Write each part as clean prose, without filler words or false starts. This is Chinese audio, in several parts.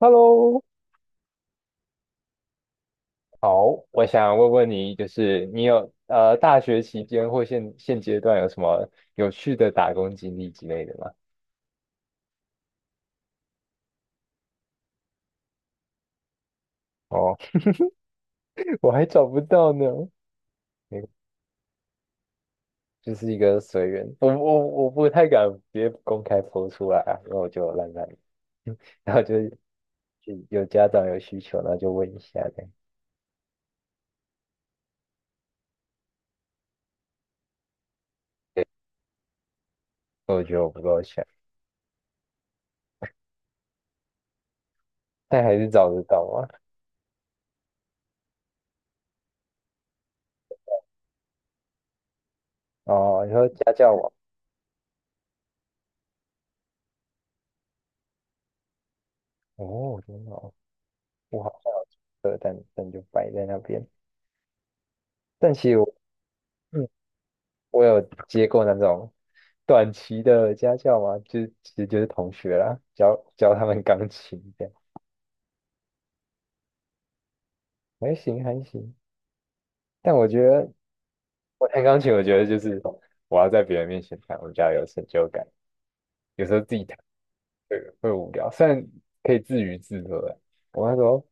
Hello，好，我想问问你，就是你有大学期间或现阶段有什么有趣的打工经历之类的吗？哦，我还找不到呢。嗯就是一个随缘，我不太敢别公开 po 出来啊，然后我就懒懒。然后就是有家长有需求，然后就问一下呗。对，我觉得我不够强，但还是找得到啊。哦，你说家教网。哦，真的哦。不好喝，但就摆在那边，但其实我。嗯我有接过那种短期的家教嘛，就其实就是同学啦，教教他们钢琴这样。还行还行。但我觉得我弹钢琴，我觉得就是我要在别人面前弹，我比较有成就感。有时候自己弹会无聊，虽然可以自娱自乐啊。我那时候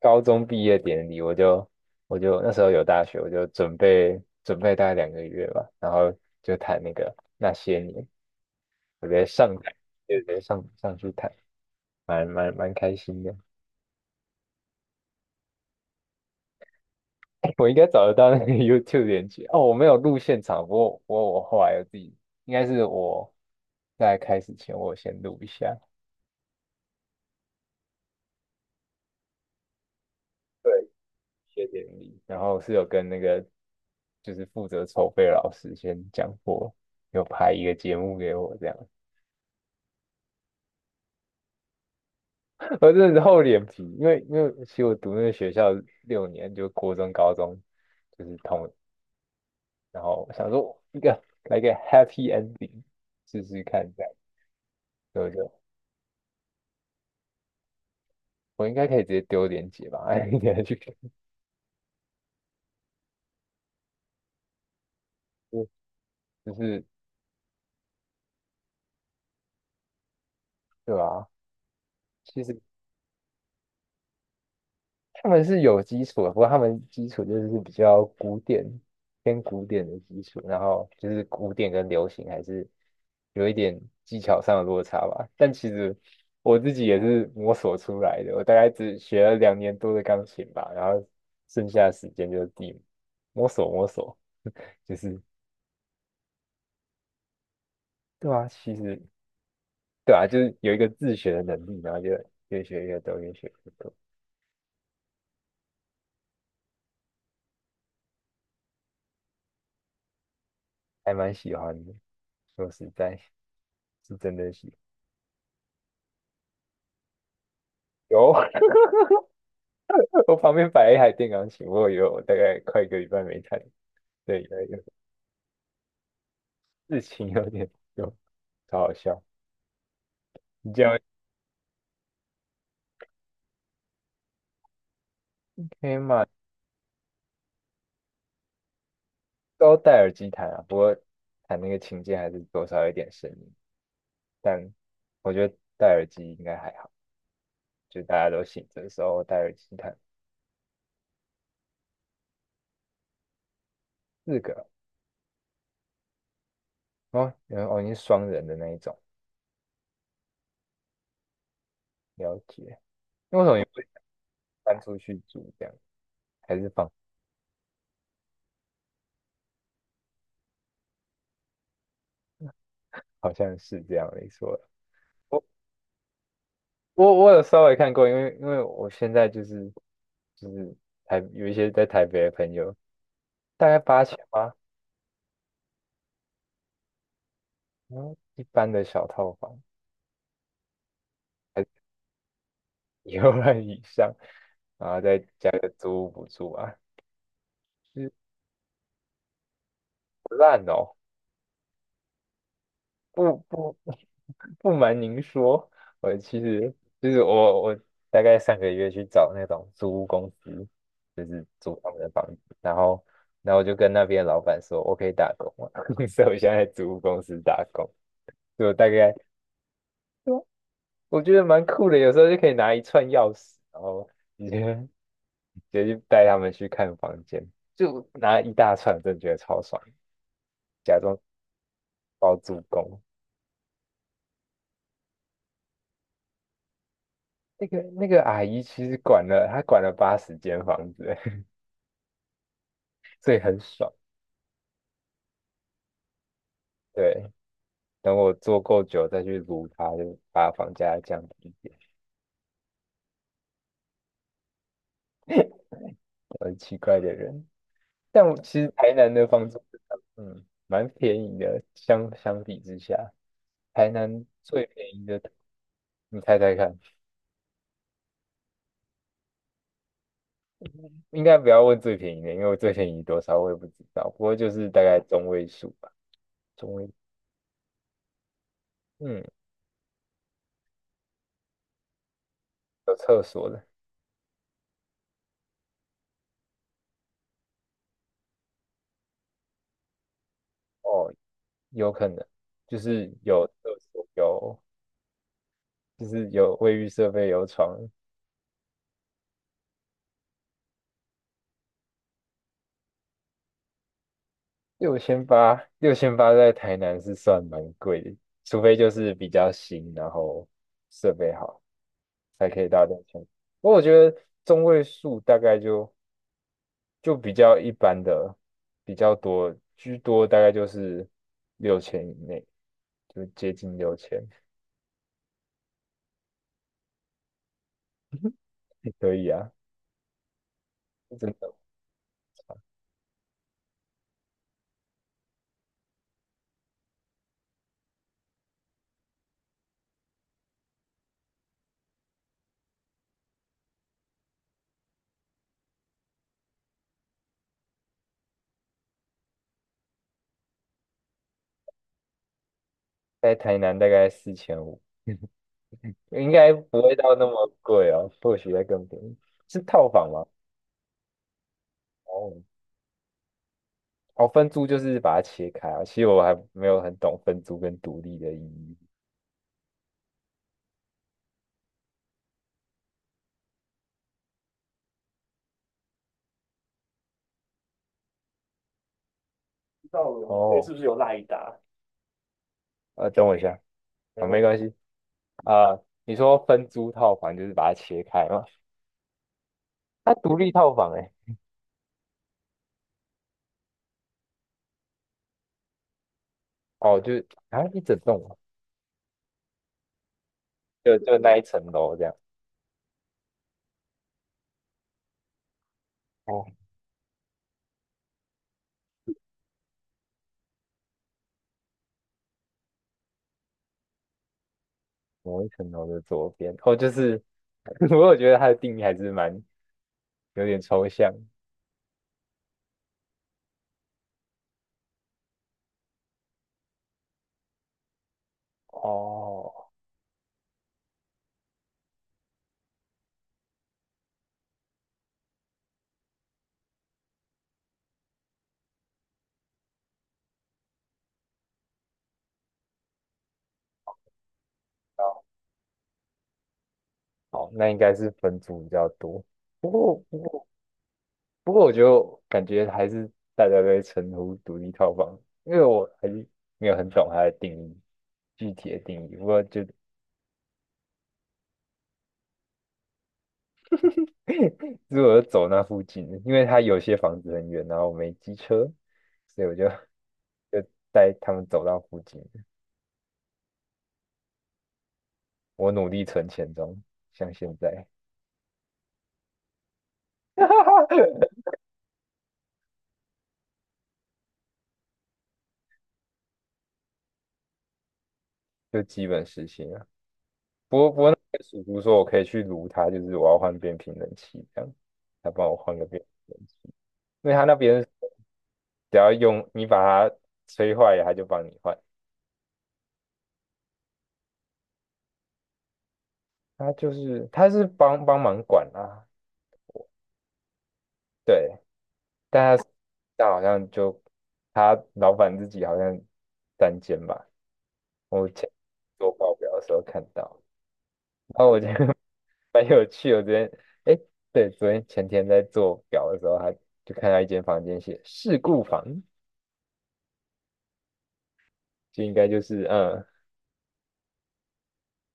高中毕业典礼，我就那时候有大学，我就准备准备大概2个月吧，然后就弹那个那些年，我直接上台，就直接上去弹。蛮开心的。我应该找得到那个 YouTube 连接哦。我没有录现场，不过我后来有自己，应该是我在开始前我有先录一下。对，谢谢典礼，然后是有跟那个就是负责筹备的老师先讲过，有拍一个节目给我这样。我真的是厚脸皮，因为其实我读那个学校6年，就国中、高中就是同。然后我想说来个 Happy Ending 试试看这样，所以我应该可以直接丢链接吧。哎，你还去看就就是对吧、其实他们是有基础的，不过他们基础就是比较古典，偏古典的基础，然后就是古典跟流行还是有一点技巧上的落差吧。但其实我自己也是摸索出来的，我大概只学了2年多的钢琴吧，然后剩下的时间就是地摸索摸索。就是对啊，其实。对啊，就是有一个自学的能力，然后就越学越多，越学越多。还蛮喜欢的。说实在，是真的喜有。我旁边摆了一台电钢琴，我有大概快一个礼拜没弹。对，有事情有点多，超好笑。你这样可以嘛？都戴耳机弹啊，不过弹那个琴键还是多少有点声音，但我觉得戴耳机应该还好，就大家都醒着的时候戴耳机弹。4个。哦，然后哦，你是双人的那一种，了解。那为什么你不搬出去住这样？还是房好像是这样没错。我我有稍微看过，因为我现在就是就是台有一些在台北的朋友，大概8000吗？然后一般的小套房，还是1万以上，然后再加个租屋补助啊，就是不烂哦，不不不瞒您说，我其实就是我大概上个月去找那种租屋公司，就是租他们的房子，然后我就跟那边的老板说，我可以打工吗？所以我现在在租屋公司打工，就大概。对啊，我觉得蛮酷的，有时候就可以拿一串钥匙，然后直接直接就带他们去看房间，就拿一大串，真的觉得超爽，假装包租公。那个阿姨其实管了，她管了80间房子，所以很爽。对，等我做够久再去撸它，就把房价降低一点。我很奇怪的人，但我其实台南的房子，嗯，蛮便宜的，相比之下，台南最便宜的，你猜猜看？应该不要问最便宜的，因为我最便宜多少我也不知道，不过就是大概中位数吧。中位。嗯，有厕所的。哦，有可能就是有厕所，有就是有卫浴设备，有床。六千八。六千八在台南是算蛮贵的，除非就是比较新，然后设备好，才可以到六千。不过我觉得中位数大概就比较一般的，比较多，居多大概就是六千以内，就接近六千。 也可以啊。真的，在台南大概4500。应该不会到那么贵哦，或许会更便宜。是套房吗？哦。哦，分租就是把它切开啊。其实我还没有很懂分租跟独立的意义。不知道我哦，是不是有赖一打？等我一下，没啊，关没系，关系啊。你说分租套房就是把它切开嘛？它独立套房哎、哦，就是啊一整栋啊就那一层楼这样。哦，某一层楼的左边，哦，就是 我有觉得它的定义还是蛮有点抽象。哦，好，那应该是分租比较多。不过不过我就感觉还是大家都会称呼独立套房，因为我还是没有很懂它的定义，具体的定义。不过就 如果走那附近，因为它有些房子很远，然后我没机车，所以我就带他们走到附近。我努力存钱中，像现在 就基本实行啊。叔叔说我可以去撸它，就是我要换变频冷气这样，他帮我换个变频冷气，因为他那边。只要用你把它吹坏，了，它就帮你换。它就是它是帮帮忙管啊，对，但它好像就他老板自己好像单间吧，我前做报表的时候看到，然后我觉得 蛮有趣的。我昨天哎，对，昨天前天在做表的时候，他就看到一间房间写事故房，就应该就是嗯，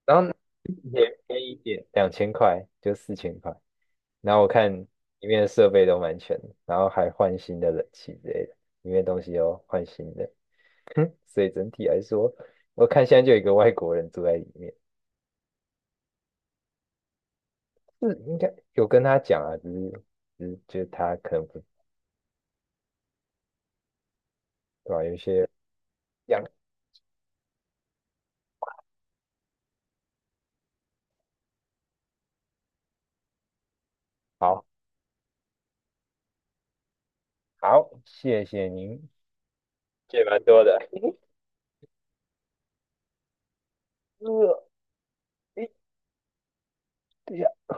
然后便宜一点，2000块就4000块。然后我看里面的设备都蛮全的，然后还换新的冷气之类的，里面东西都换新的，所以整体来说，我看现在就有一个外国人住在里面，是应该有跟他讲啊，只是就是他可能不对吧、有些样好好，谢谢您，借蛮多的。呃诶